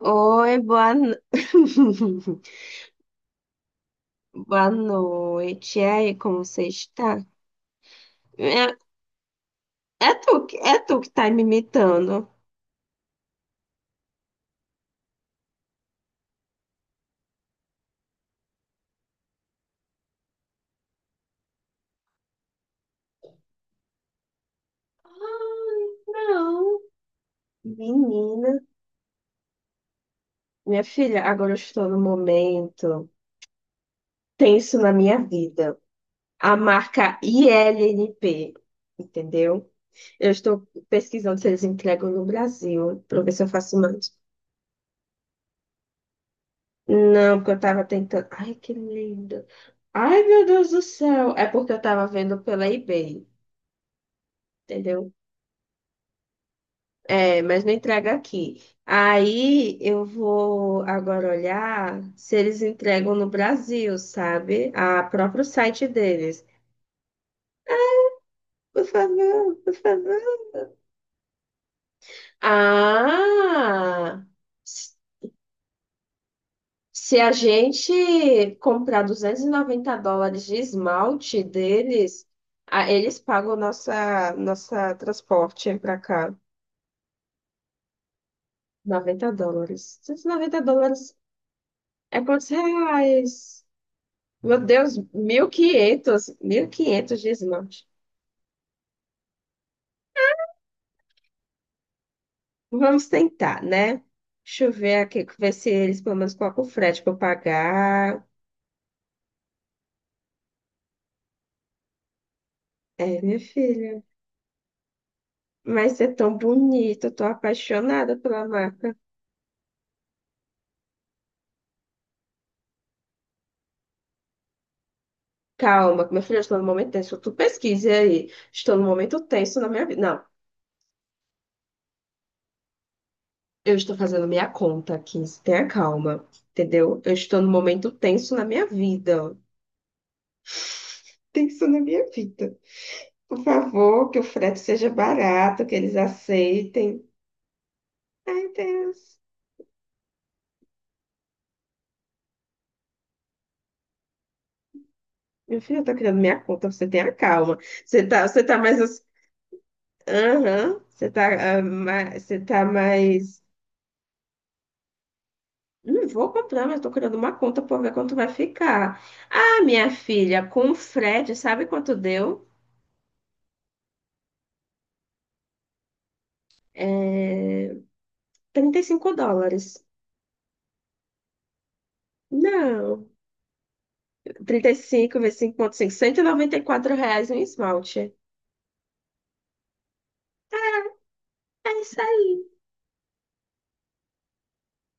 Oi, boa, no- boa noite. E aí, como você está? É, é é tu que tá me imitando. Ai, não. Menina, minha filha, agora eu estou no momento tenso na minha vida. A marca ILNP, entendeu? Eu estou pesquisando se eles entregam no Brasil, para ver se eu faço mais. Não, porque eu tava tentando. Ai, que lindo. Ai, meu Deus do céu. É porque eu tava vendo pela eBay, entendeu? É, mas não entrega aqui. Aí eu vou agora olhar se eles entregam no Brasil, sabe? A próprio site deles. Por favor, por favor. Ah! s- Se a gente comprar US$ 290 de esmalte deles, ah, eles pagam nossa transporte para cá. US$ 90. US$ 90 é quantos reais? Meu Deus, 1.500. 1.500 de esmalte. Vamos tentar, né? Deixa eu ver aqui, ver se eles pelo menos colocam o frete para eu pagar. É, minha filha. Mas é tão bonito, eu tô apaixonada pela marca. Calma, minha filha, eu estou no momento tenso. Tu pesquise aí. Estou no momento tenso na minha vida. Não, eu estou fazendo minha conta aqui. Tenha calma, entendeu? Eu estou no momento tenso na minha vida. Tem isso na minha vida. Por favor, que o frete seja barato, que eles aceitem. Ai, Deus. Meu filho tá criando minha conta, você tenha calma. Você tá mais. Aham, você tá mais. Não vou comprar, mas tô criando uma conta pra ver quanto vai ficar. Ah, minha filha, com o frete, sabe quanto deu? US$ 35. Não, 35 vezes 5,5. R$ 194 um esmalte. É isso aí.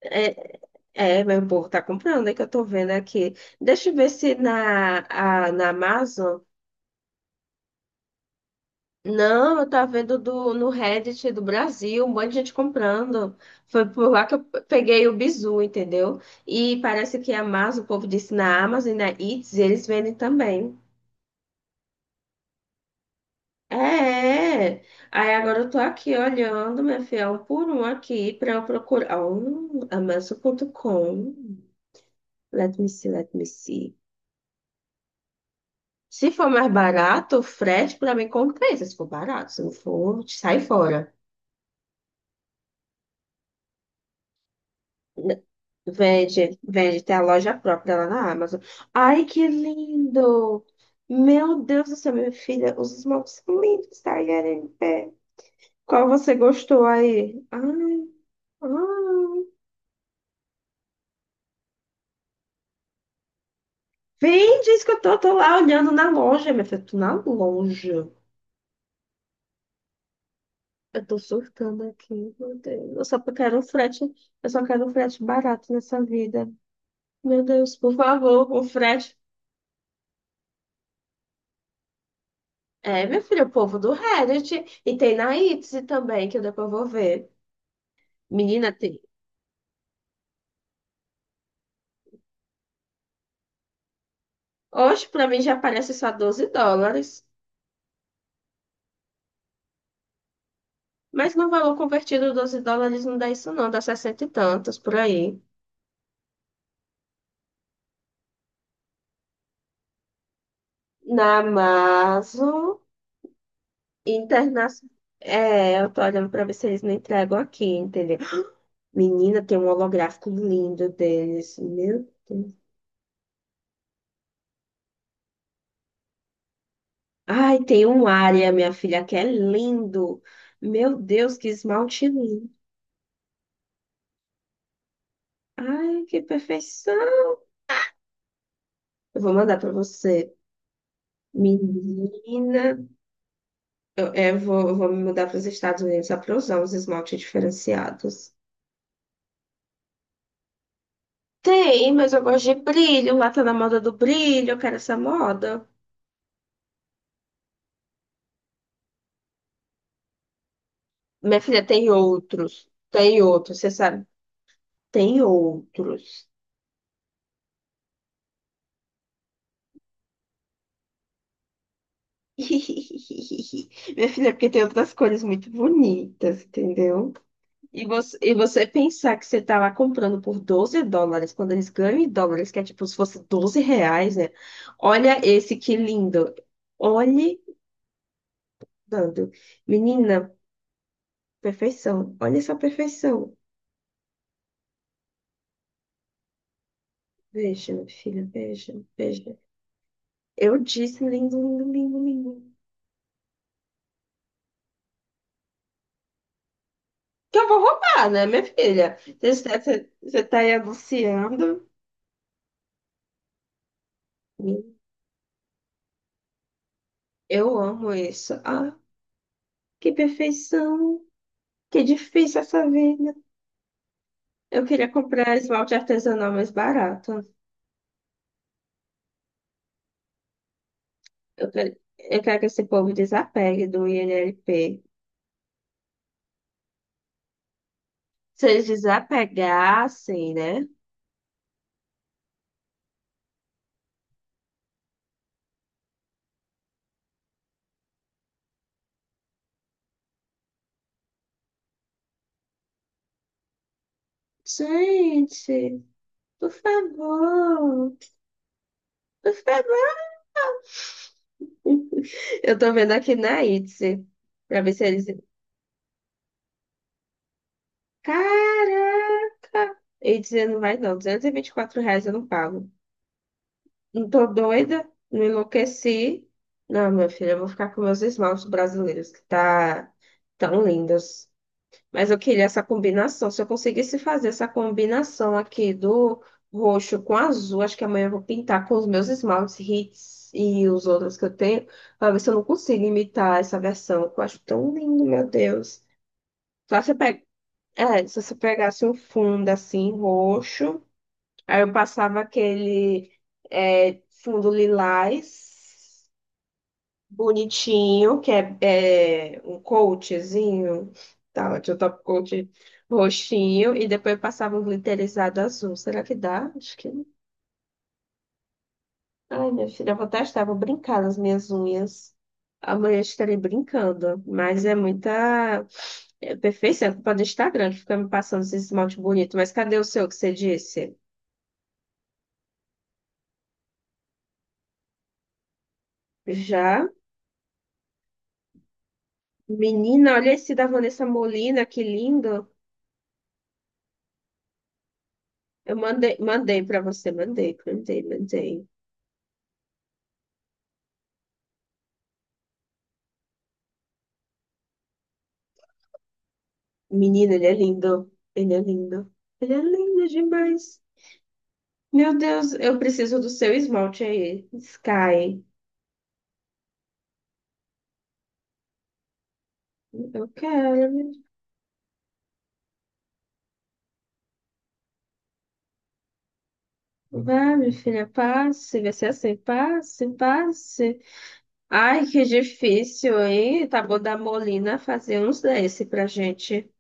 É, É, mas o povo tá comprando, é que eu tô vendo aqui. Deixa eu ver se na Amazon. Não, eu tava vendo do, no Reddit do Brasil, um monte de gente comprando. Foi por lá que eu peguei o bizu, entendeu? E parece que a Amazon, o povo disse na Amazon e na Eats, eles vendem também. É, é. Aí agora eu tô aqui olhando, minha filha, um por um aqui pra eu procurar. Oh, Amazon.com. Let me see, let me see. Se for mais barato, o frete pra mim compensa. Se for barato, se não for, sai fora. N- Vende, vende, tem a loja própria lá na Amazon. Ai, que lindo! Meu Deus do céu, minha filha, os esmaltes são lindos, tá, em pé. Qual você gostou aí? Ai, ai. Vem, diz que eu tô lá olhando na loja, minha filha, tô na loja. Eu tô surtando aqui, meu Deus. Eu só quero um frete, eu só quero um frete barato nessa vida. Meu Deus, por favor, o Fred. É, minha filha, o povo do Reddit. E tem na Etsy também, que eu depois vou ver. Menina, tem. Hoje, pra mim, já parece só US$ 12. Mas no valor convertido, US$ 12 não dá isso, não. Dá sessenta e tantos por aí. Na Amazon internacional. É, eu tô olhando pra ver se eles não entregam aqui, entendeu? Menina, tem um holográfico lindo deles. Meu Deus. Ai, tem um área, minha filha, que é lindo. Meu Deus, que esmalte lindo. Ai, que perfeição. Eu vou mandar para você. Menina, eu vou me mudar para os Estados Unidos só para usar os esmaltes diferenciados. Tem, mas eu gosto de brilho. Lá tá na moda do brilho. Eu quero essa moda. Minha filha, tem outros. Tem outros, você sabe. Tem outros. Minha filha, porque tem outras cores muito bonitas, entendeu? E você pensar que você tá lá comprando por US$ 12, quando eles ganham em dólares, que é tipo se fosse R$ 12, né? Olha esse que lindo. Olhe, dando. Menina, perfeição. Olha essa perfeição. Veja, minha filha, veja, veja. Eu disse lindo, lindo, lindo, lindo. Que eu vou roubar, né, minha filha? Você está, você tá aí anunciando. Eu amo isso. Ah, que perfeição. Que difícil essa vida. Eu queria comprar esmalte artesanal mais barato. Eu quero que esse povo desapegue do INLP. Se eles desapegassem, né? Gente, por favor, por favor. Eu tô vendo aqui na Etsy, pra ver se eles... Caraca! Etsy não vai não, duzentos e vinte e quatro reais eu não pago. Não tô doida, não enlouqueci. Não, minha filha, eu vou ficar com meus esmaltes brasileiros, que tá tão lindos. Mas eu queria essa combinação. Se eu conseguisse fazer essa combinação aqui do roxo com azul, acho que amanhã eu vou pintar com os meus esmaltes Hits e os outros que eu tenho, para ver se eu não consigo imitar essa versão, que eu acho tão lindo, meu Deus. Só se eu pe- é, Se você pegasse um fundo assim, roxo, aí eu passava aquele fundo lilás bonitinho, que é, é um coachzinho, tá, de um top coat roxinho, e depois passava um glitterizado azul. Será que dá? Acho que não. Ai, minha filha, eu vou testar, vou brincar nas minhas unhas. Amanhã estarei brincando, mas é muita perfeição, é culpa do Instagram que fica me passando esse esmalte bonito. Mas cadê o seu que você disse? Já? Menina, olha esse da Vanessa Molina, que lindo. Eu mandei, mandei para você, mandei, mandei, mandei. Menino, ele é lindo. Ele é lindo. Ele é lindo demais. Meu Deus, eu preciso do seu esmalte aí. Sky. Eu quero. Vai, minha filha, passe. Vai ser assim. Passe, passe. Ai, que difícil, hein? Tá bom da Molina fazer uns desse pra gente.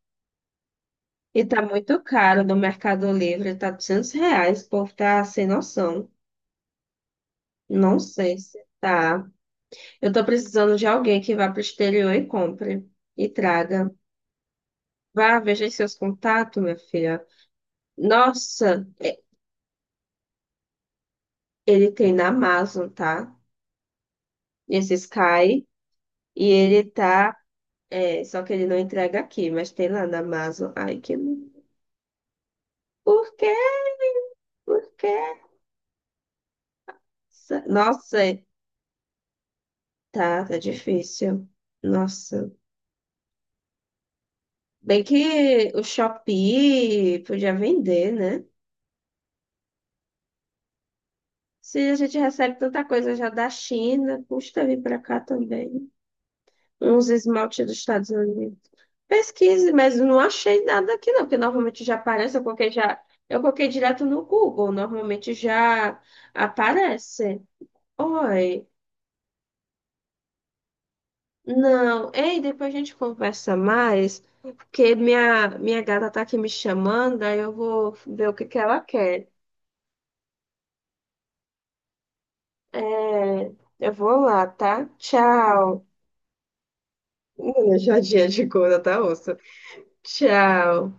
E tá muito caro no Mercado Livre. Tá R$ 200. O povo tá sem noção. Não sei se tá. Eu tô precisando de alguém que vá pro exterior e compre. E traga. Vá, veja aí seus contatos, minha filha. Nossa, ele tem na Amazon, tá? Esse Sky. E ele tá. Só que ele não entrega aqui, mas tem lá na Amazon. Ai, que lindo. Por quê? Por quê? Nossa, é, tá difícil. Nossa. Bem que o Shopee podia vender, né? Se a gente recebe tanta coisa já da China, custa vir pra cá também. Uns esmalte dos Estados Unidos. Pesquise, mas não achei nada aqui não, porque normalmente já aparece, eu coloquei já, eu coloquei direto no Google, normalmente já aparece. Oi, não, ei, depois a gente conversa mais, porque minha gata tá aqui me chamando, aí eu vou ver o que que ela quer. É, eu vou lá, tá? Tchau. Olha, já dia de coisa, tá, osso? Tchau.